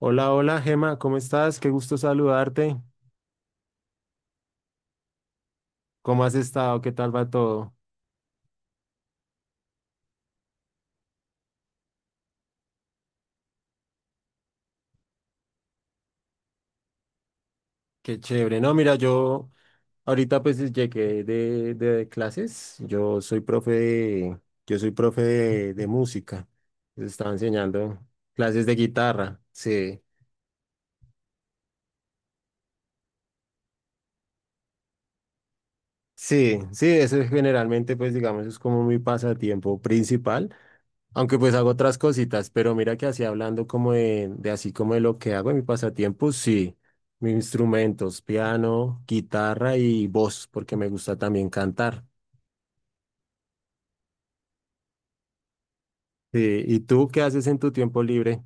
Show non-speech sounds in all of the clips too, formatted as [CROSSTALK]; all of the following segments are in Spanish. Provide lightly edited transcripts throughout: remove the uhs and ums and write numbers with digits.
Hola, hola, Gema, ¿cómo estás? Qué gusto saludarte. ¿Cómo has estado? ¿Qué tal va todo? Qué chévere. No, mira, yo ahorita pues llegué de clases. Yo soy profe de música. Les estaba enseñando clases de guitarra. Sí, sí, sí, eso es generalmente pues digamos es como mi pasatiempo principal. Aunque pues hago otras cositas, pero mira que así hablando como de así como de lo que hago en mi pasatiempo, sí, mis instrumentos, piano, guitarra y voz, porque me gusta también cantar. Sí, ¿y tú qué haces en tu tiempo libre?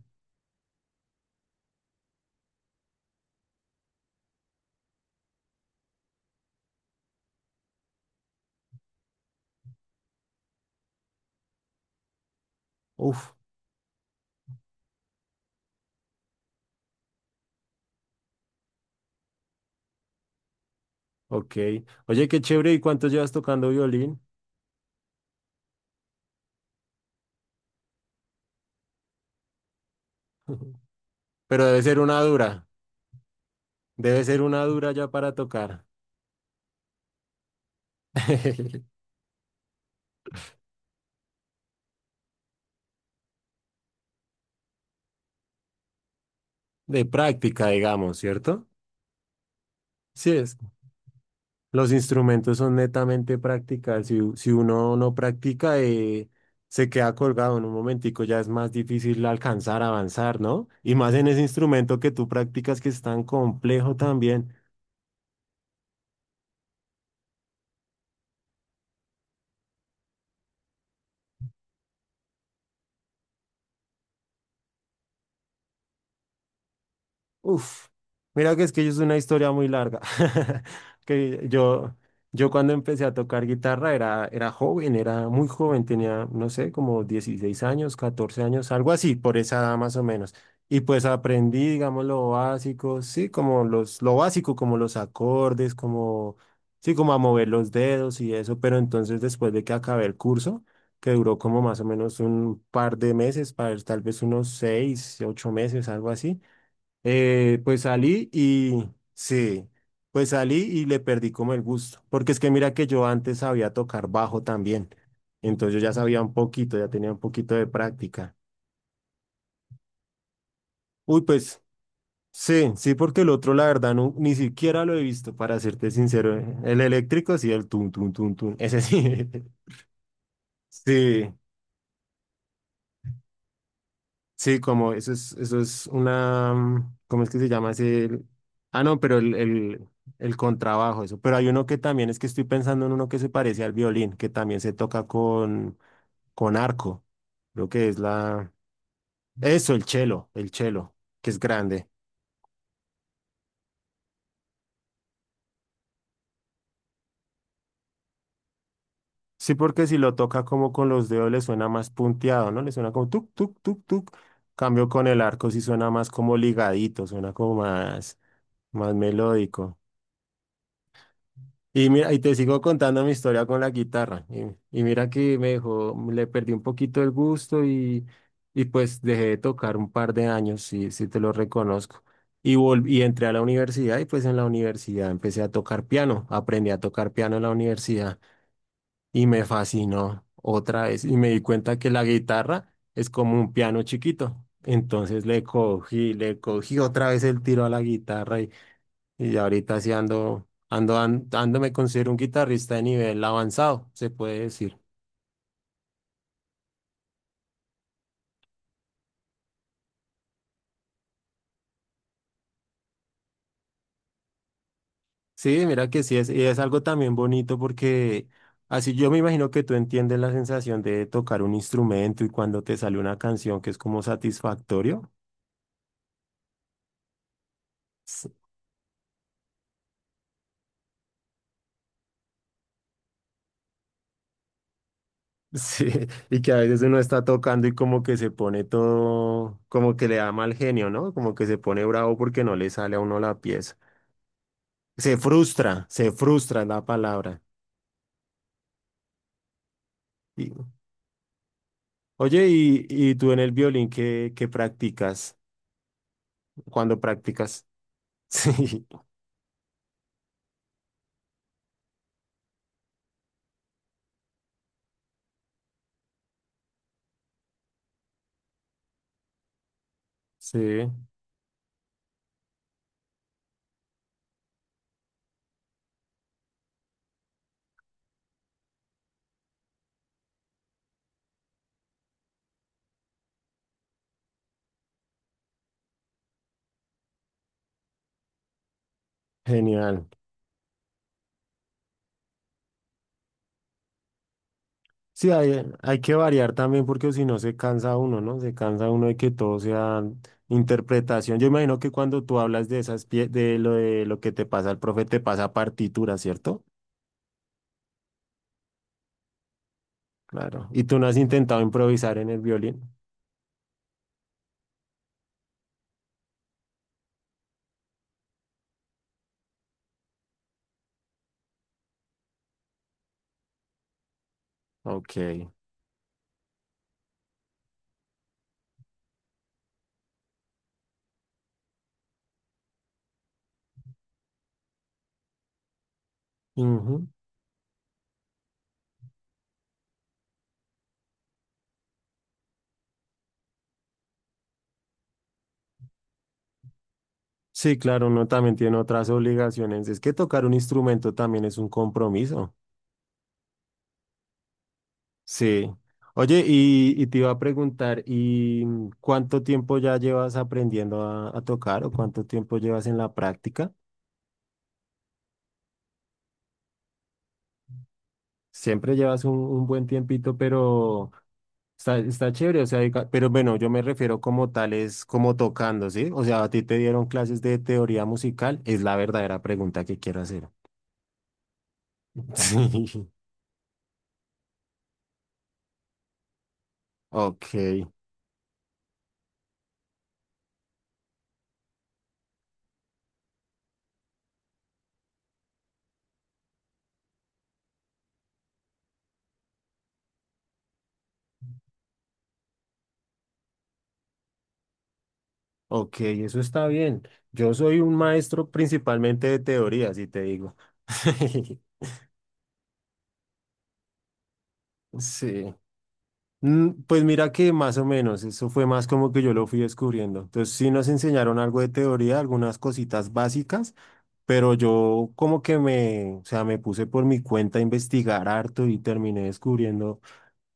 Uf, ok. Oye, qué chévere, ¿y cuánto llevas tocando violín? [LAUGHS] Pero debe ser una dura, debe ser una dura ya para tocar. [LAUGHS] De práctica, digamos, ¿cierto? Sí, es. Los instrumentos son netamente prácticas. Si, si uno no practica, se queda colgado en un momentico, ya es más difícil alcanzar, avanzar, ¿no? Y más en ese instrumento que tú practicas que es tan complejo también. Uf, mira que es una historia muy larga. [LAUGHS] Que yo, yo cuando empecé a tocar guitarra era, era joven, era muy joven, tenía, no sé, como 16 años, 14 años, algo así, por esa edad más o menos. Y pues aprendí, digamos, lo básico, sí, como lo básico, como los acordes, como, sí, como a mover los dedos y eso, pero entonces después de que acabé el curso, que duró como más o menos un par de meses, para tal vez unos 6, 8 meses, algo así. Pues salí y sí, pues salí y le perdí como el gusto, porque es que mira que yo antes sabía tocar bajo también, entonces yo ya sabía un poquito, ya tenía un poquito de práctica. Uy, pues sí, sí, porque el otro la verdad no, ni siquiera lo he visto, para serte sincero, el eléctrico sí, el tum, tum, tum, tum, ese sí, [LAUGHS] sí, Sí, como eso es una, ¿cómo es que se llama ese? Ah, no, pero el contrabajo, eso. Pero hay uno que también es que estoy pensando en uno que se parece al violín, que también se toca con arco. Creo que es la... Eso, el chelo, que es grande. Sí, porque si lo toca como con los dedos le suena más punteado, ¿no? Le suena como tuk, tuk, tuk, tuk. Cambio con el arco sí suena más como ligadito, suena como más, más melódico. Y mira, y te sigo contando mi historia con la guitarra. Y mira que me dejó, le perdí un poquito el gusto y pues dejé de tocar un par de años, si, si te lo reconozco. Y, volví, y entré a la universidad y pues en la universidad empecé a tocar piano. Aprendí a tocar piano en la universidad y me fascinó otra vez. Y me di cuenta que la guitarra es como un piano chiquito. Entonces le cogí otra vez el tiro a la guitarra y ya ahorita sí ando, me considero un guitarrista de nivel avanzado, se puede decir. Sí, mira que sí es, y es algo también bonito porque así yo me imagino que tú entiendes la sensación de tocar un instrumento y cuando te sale una canción que es como satisfactorio. S- Sí, [LAUGHS] y que a veces uno está tocando y como que se pone todo, como que le da mal genio, ¿no? Como que se pone bravo porque no le sale a uno la pieza. Se frustra es la palabra. Oye, ¿y tú en el violín qué practicas? ¿Cuándo practicas? [LAUGHS] Sí, sí, genial. Sí, hay que variar también porque si no se cansa uno, ¿no? Se cansa uno de que todo sea interpretación. Yo imagino que cuando tú hablas de esas de lo que te pasa al profe, te pasa partitura, ¿cierto? Claro. ¿Y tú no has intentado improvisar en el violín? Ok. Ujú. Sí, claro, uno también tiene otras obligaciones. Es que tocar un instrumento también es un compromiso. Sí. Oye, y te iba a preguntar, ¿y cuánto tiempo ya llevas aprendiendo a tocar o cuánto tiempo llevas en la práctica? Siempre llevas un buen tiempito, pero está, está chévere, o sea, pero bueno, yo me refiero como tal, es como tocando, ¿sí? O sea, a ti te dieron clases de teoría musical, es la verdadera pregunta que quiero hacer. [LAUGHS] Sí. Ok, ok, eso está bien. Yo soy un maestro principalmente de teoría, si te digo. [LAUGHS] Sí. Pues mira que más o menos, eso fue más como que yo lo fui descubriendo. Entonces sí nos enseñaron algo de teoría, algunas cositas básicas, pero yo como que o sea, me puse por mi cuenta a investigar harto y terminé descubriendo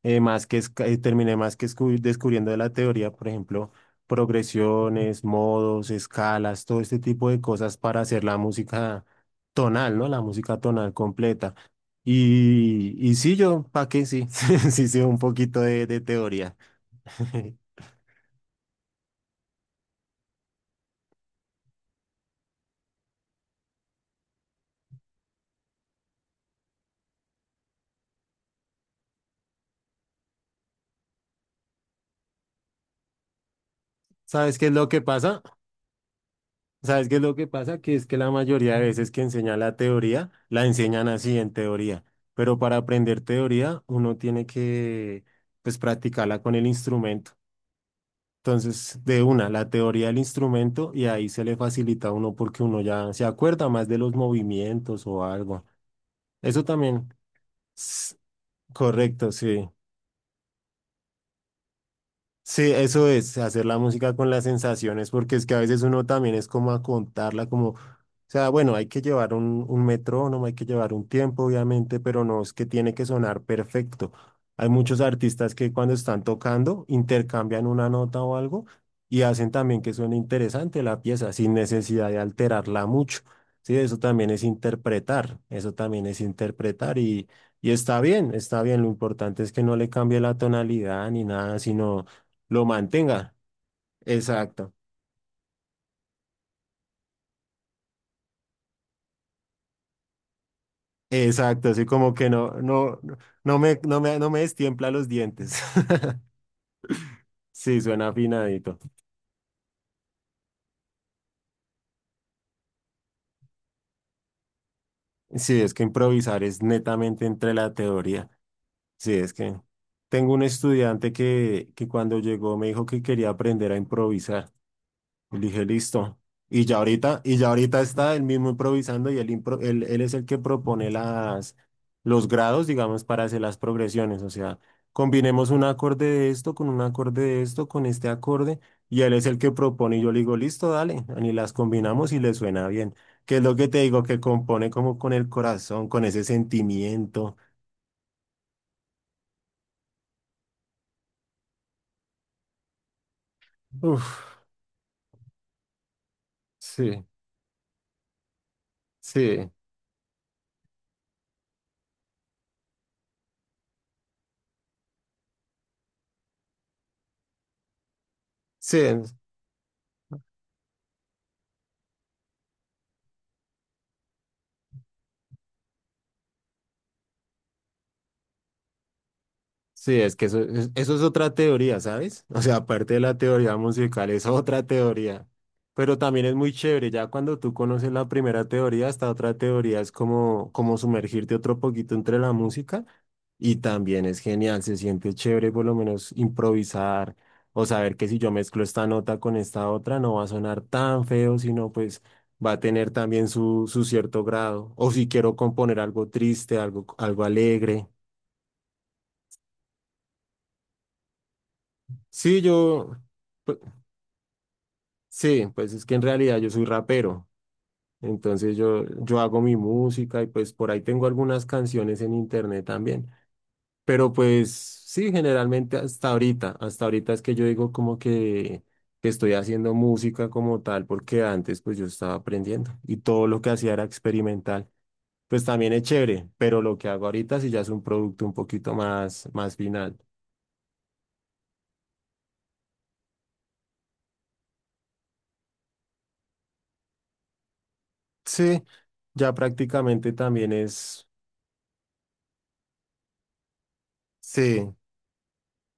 más terminé más descubriendo de la teoría, por ejemplo, progresiones, modos, escalas, todo este tipo de cosas para hacer la música tonal, ¿no? La música tonal completa. Y sí, yo, ¿para qué? Sí, [LAUGHS] sí, sí, un poquito de teoría. [LAUGHS] ¿Sabes qué es lo que pasa? ¿Sabes qué es lo que pasa? Que es que la mayoría de veces que enseñan la teoría, la enseñan así en teoría. Pero para aprender teoría, uno tiene pues, practicarla con el instrumento. Entonces, de una, la teoría del instrumento y ahí se le facilita a uno porque uno ya se acuerda más de los movimientos o algo. Eso también, s- correcto, sí. Sí, eso es, hacer la música con las sensaciones, porque es que a veces uno también es como a contarla, como, o sea, bueno, hay que llevar un metrónomo, hay que llevar un tiempo, obviamente, pero no es que tiene que sonar perfecto. Hay muchos artistas que cuando están tocando intercambian una nota o algo y hacen también que suene interesante la pieza sin necesidad de alterarla mucho. Sí, eso también es interpretar, eso también es interpretar y está bien, está bien. Lo importante es que no le cambie la tonalidad ni nada, sino lo mantenga. Exacto, exacto, así como que no, no, no no me destiempla los dientes. [LAUGHS] Sí, suena afinadito. Sí, es que improvisar es netamente entre la teoría. Sí, es que tengo un estudiante que cuando llegó me dijo que quería aprender a improvisar. Y dije, listo. Y ya ahorita está él mismo improvisando y él es el que propone las, los grados, digamos, para hacer las progresiones. O sea, combinemos un acorde de esto con un acorde de esto, con este acorde, y él es el que propone. Y yo le digo, listo, dale. Y las combinamos y le suena bien. Que es lo que te digo, que compone como con el corazón, con ese sentimiento. Uf, sí, sí, sí. Sí, es que eso, eso es otra teoría, ¿sabes? O sea, aparte de la teoría musical, es otra teoría. Pero también es muy chévere, ya cuando tú conoces la primera teoría, esta otra teoría es como, como sumergirte otro poquito entre la música y también es genial, se siente chévere por lo menos improvisar o saber que si yo mezclo esta nota con esta otra no va a sonar tan feo, sino pues va a tener también su cierto grado. O si quiero componer algo triste, algo, algo alegre. Sí, yo... Sí, pues es que en realidad yo soy rapero, entonces yo hago mi música y pues por ahí tengo algunas canciones en internet también, pero pues sí, generalmente hasta ahorita es que yo digo como que estoy haciendo música como tal, porque antes pues yo estaba aprendiendo y todo lo que hacía era experimental, pues también es chévere, pero lo que hago ahorita sí ya es un producto un poquito más, más final. Sí, ya prácticamente también es, sí.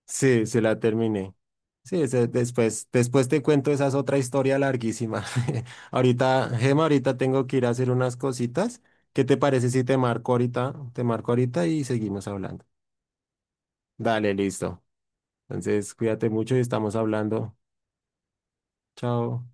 Sí, sí la terminé. Sí, después, después te cuento, esa es otra historia larguísima. [LAUGHS] Ahorita, Gema, ahorita tengo que ir a hacer unas cositas. ¿Qué te parece si te marco ahorita? Te marco ahorita y seguimos hablando. Dale, listo. Entonces, cuídate mucho y estamos hablando. Chao.